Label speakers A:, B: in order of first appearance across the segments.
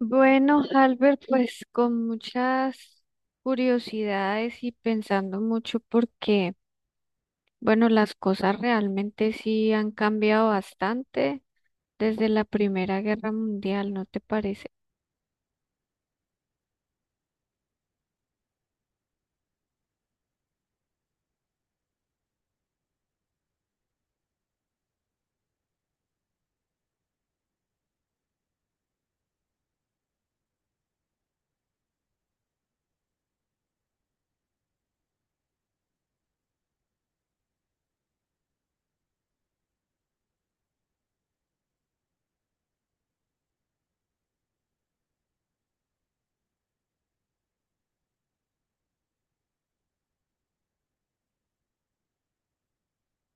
A: Bueno, Albert, pues con muchas curiosidades y pensando mucho porque, bueno, las cosas realmente sí han cambiado bastante desde la Primera Guerra Mundial, ¿no te parece?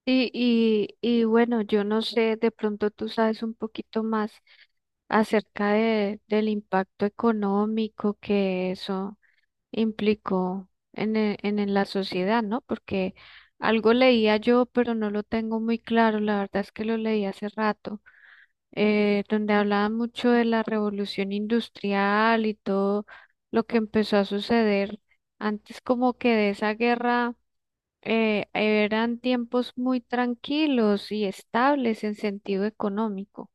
A: Y bueno, yo no sé, de pronto tú sabes un poquito más acerca del impacto económico que eso implicó en la sociedad, ¿no? Porque algo leía yo, pero no lo tengo muy claro, la verdad es que lo leí hace rato, donde hablaba mucho de la revolución industrial y todo lo que empezó a suceder antes como que de esa guerra. Eran tiempos muy tranquilos y estables en sentido económico.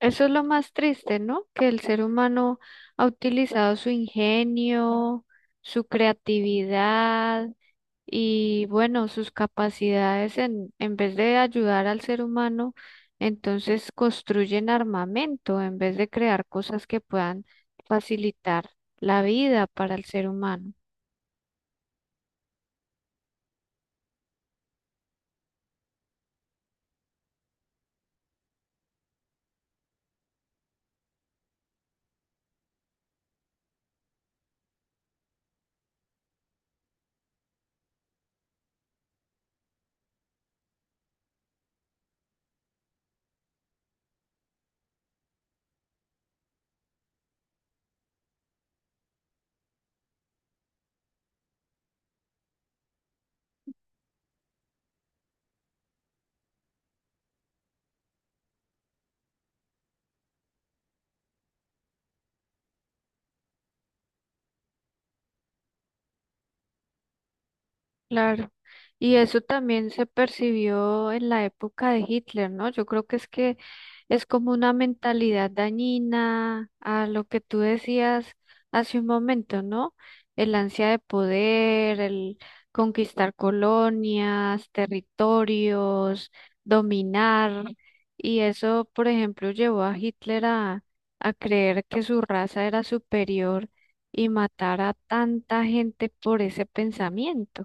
A: Eso es lo más triste, ¿no? Que el ser humano ha utilizado su ingenio, su creatividad y, bueno, sus capacidades en vez de ayudar al ser humano, entonces construyen armamento en vez de crear cosas que puedan facilitar la vida para el ser humano. Claro, y eso también se percibió en la época de Hitler, ¿no? Yo creo que es como una mentalidad dañina a lo que tú decías hace un momento, ¿no? El ansia de poder, el conquistar colonias, territorios, dominar, y eso, por ejemplo, llevó a Hitler a creer que su raza era superior y matar a tanta gente por ese pensamiento.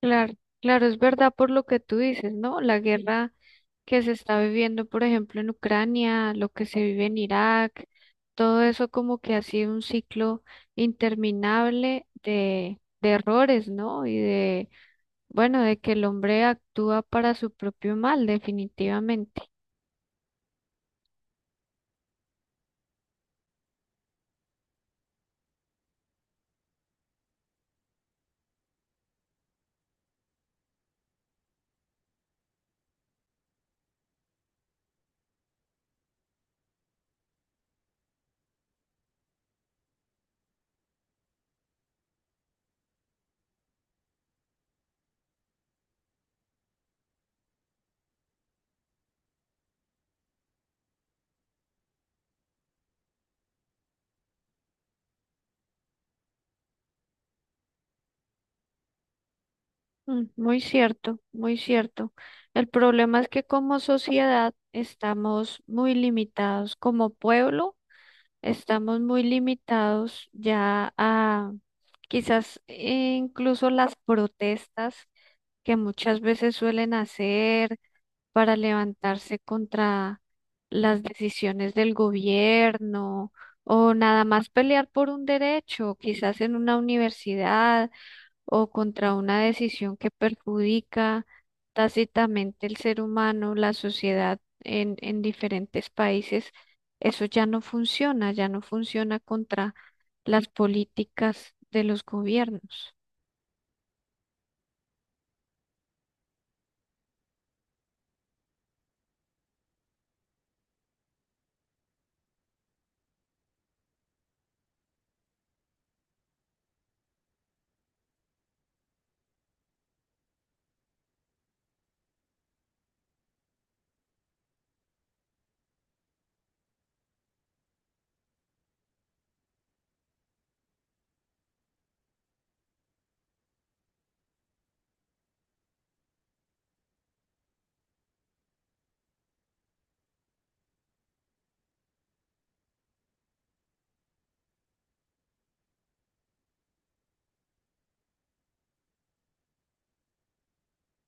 A: Claro, claro, es verdad por lo que tú dices, ¿no? La guerra que se está viviendo, por ejemplo, en Ucrania, lo que se vive en Irak, todo eso como que ha sido un ciclo interminable de errores, ¿no? Y de, bueno, de que el hombre actúa para su propio mal, definitivamente. Mm, muy cierto, muy cierto. El problema es que como sociedad estamos muy limitados como pueblo. Estamos muy limitados ya a quizás incluso las protestas que muchas veces suelen hacer para levantarse contra las decisiones del gobierno o nada más pelear por un derecho, quizás en una universidad o contra una decisión que perjudica tácitamente el ser humano, la sociedad en diferentes países, eso ya no funciona contra las políticas de los gobiernos.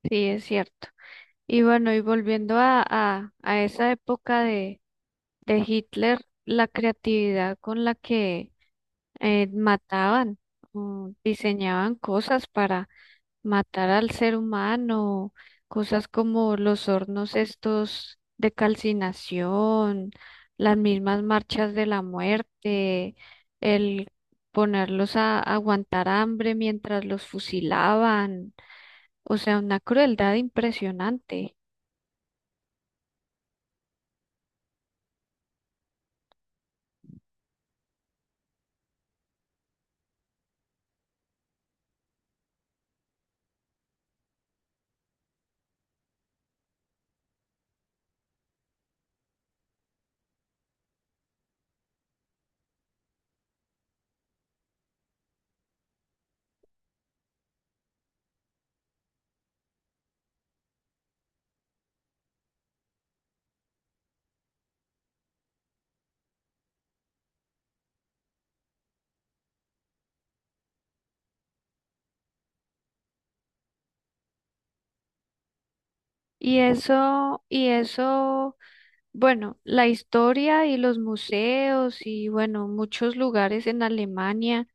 A: Sí, es cierto. Y bueno, y volviendo a esa época de Hitler, la creatividad con la que mataban, o diseñaban cosas matar al ser humano, cosas como los hornos estos de calcinación, las mismas marchas de la muerte, el ponerlos a aguantar hambre mientras los fusilaban. O sea, una crueldad impresionante. Y eso, bueno, la historia y los museos y bueno, muchos lugares en Alemania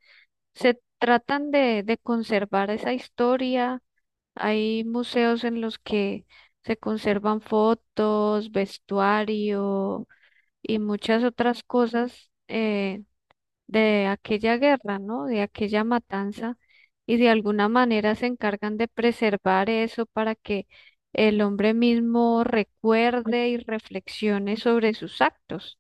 A: se tratan de conservar esa historia. Hay museos en los que se conservan fotos, vestuario y muchas otras cosas de aquella guerra, ¿no? De aquella matanza. Y de alguna manera se encargan de preservar eso para que el hombre mismo recuerde y reflexione sobre sus actos.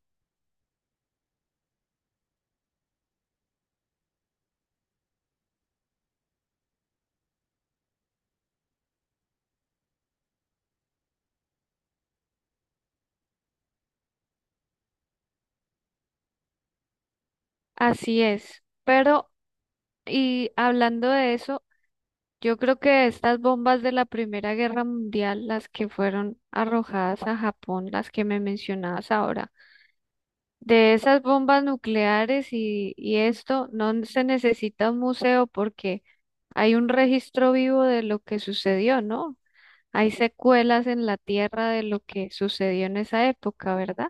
A: Así es. Pero, y hablando de eso, yo creo que estas bombas de la Primera Guerra Mundial, las que fueron arrojadas a Japón, las que me mencionabas ahora, de esas bombas nucleares y esto, no se necesita un museo porque hay un registro vivo de lo que sucedió, ¿no? Hay secuelas en la tierra de lo que sucedió en esa época, ¿verdad?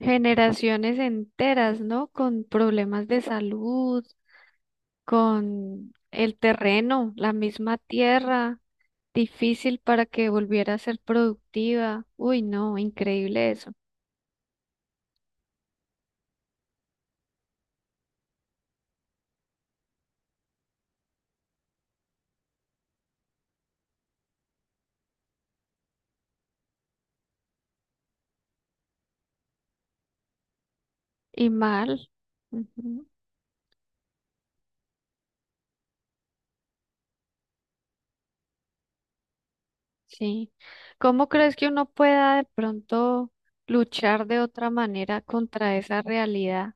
A: Generaciones enteras, ¿no? Con problemas de salud, con el terreno, la misma tierra difícil para que volviera a ser productiva. Uy, no, increíble eso. Y mal. Ujú. Sí. ¿Cómo crees que uno pueda de pronto luchar de otra manera contra esa realidad,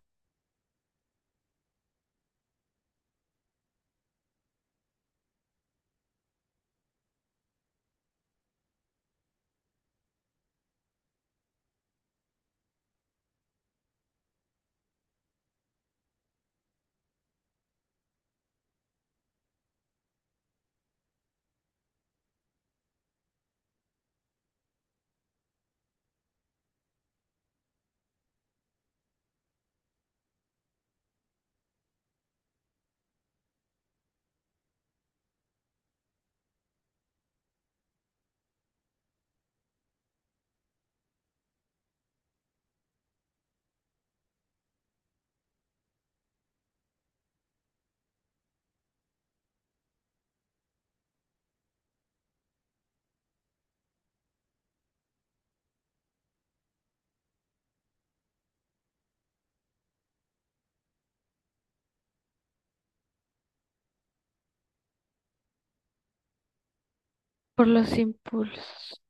A: por los impulsos?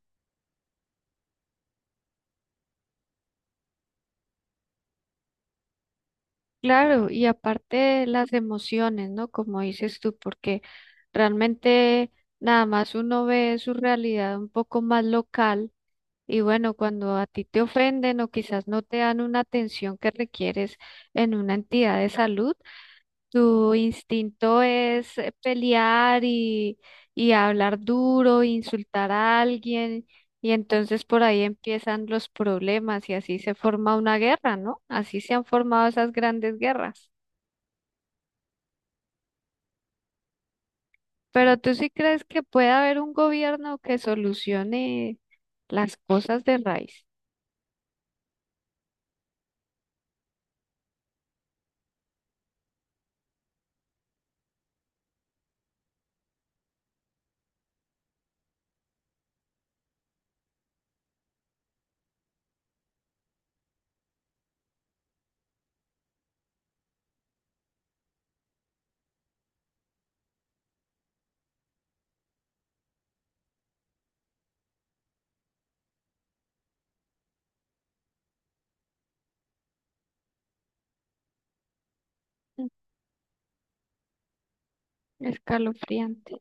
A: Claro, y aparte las emociones, ¿no? Como dices tú, porque realmente nada más uno ve su realidad un poco más local. Y bueno, cuando a ti te ofenden o quizás no te dan una atención que requieres en una entidad de salud, tu instinto es pelear y hablar duro, insultar a alguien, y entonces por ahí empiezan los problemas y así se forma una guerra, ¿no? Así se han formado esas grandes guerras. Pero ¿tú sí crees que puede haber un gobierno que solucione las cosas de raíz? Mm. Escalofriante.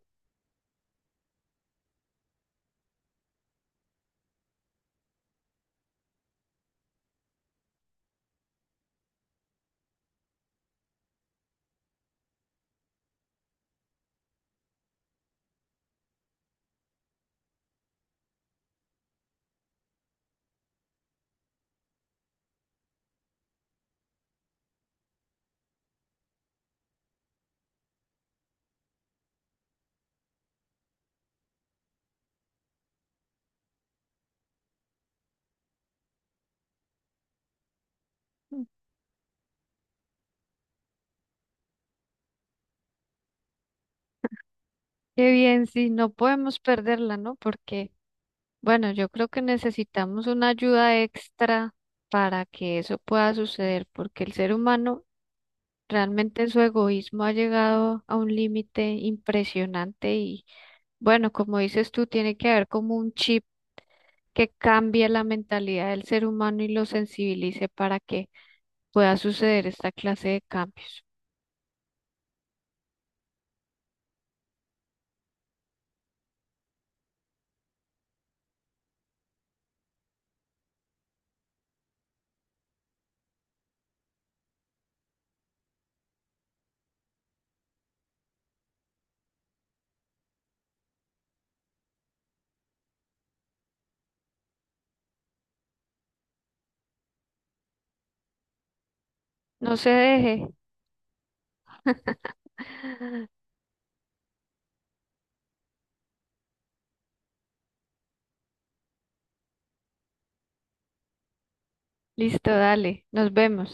A: Qué bien, sí, no podemos perderla, ¿no? Porque, bueno, yo creo que necesitamos una ayuda extra para que eso pueda suceder, porque el ser humano realmente en su egoísmo ha llegado a un límite impresionante y, bueno, como dices tú, tiene que haber como un chip que cambie la mentalidad del ser humano y lo sensibilice para que pueda suceder esta clase de cambios. No se deje. Listo, dale, nos vemos.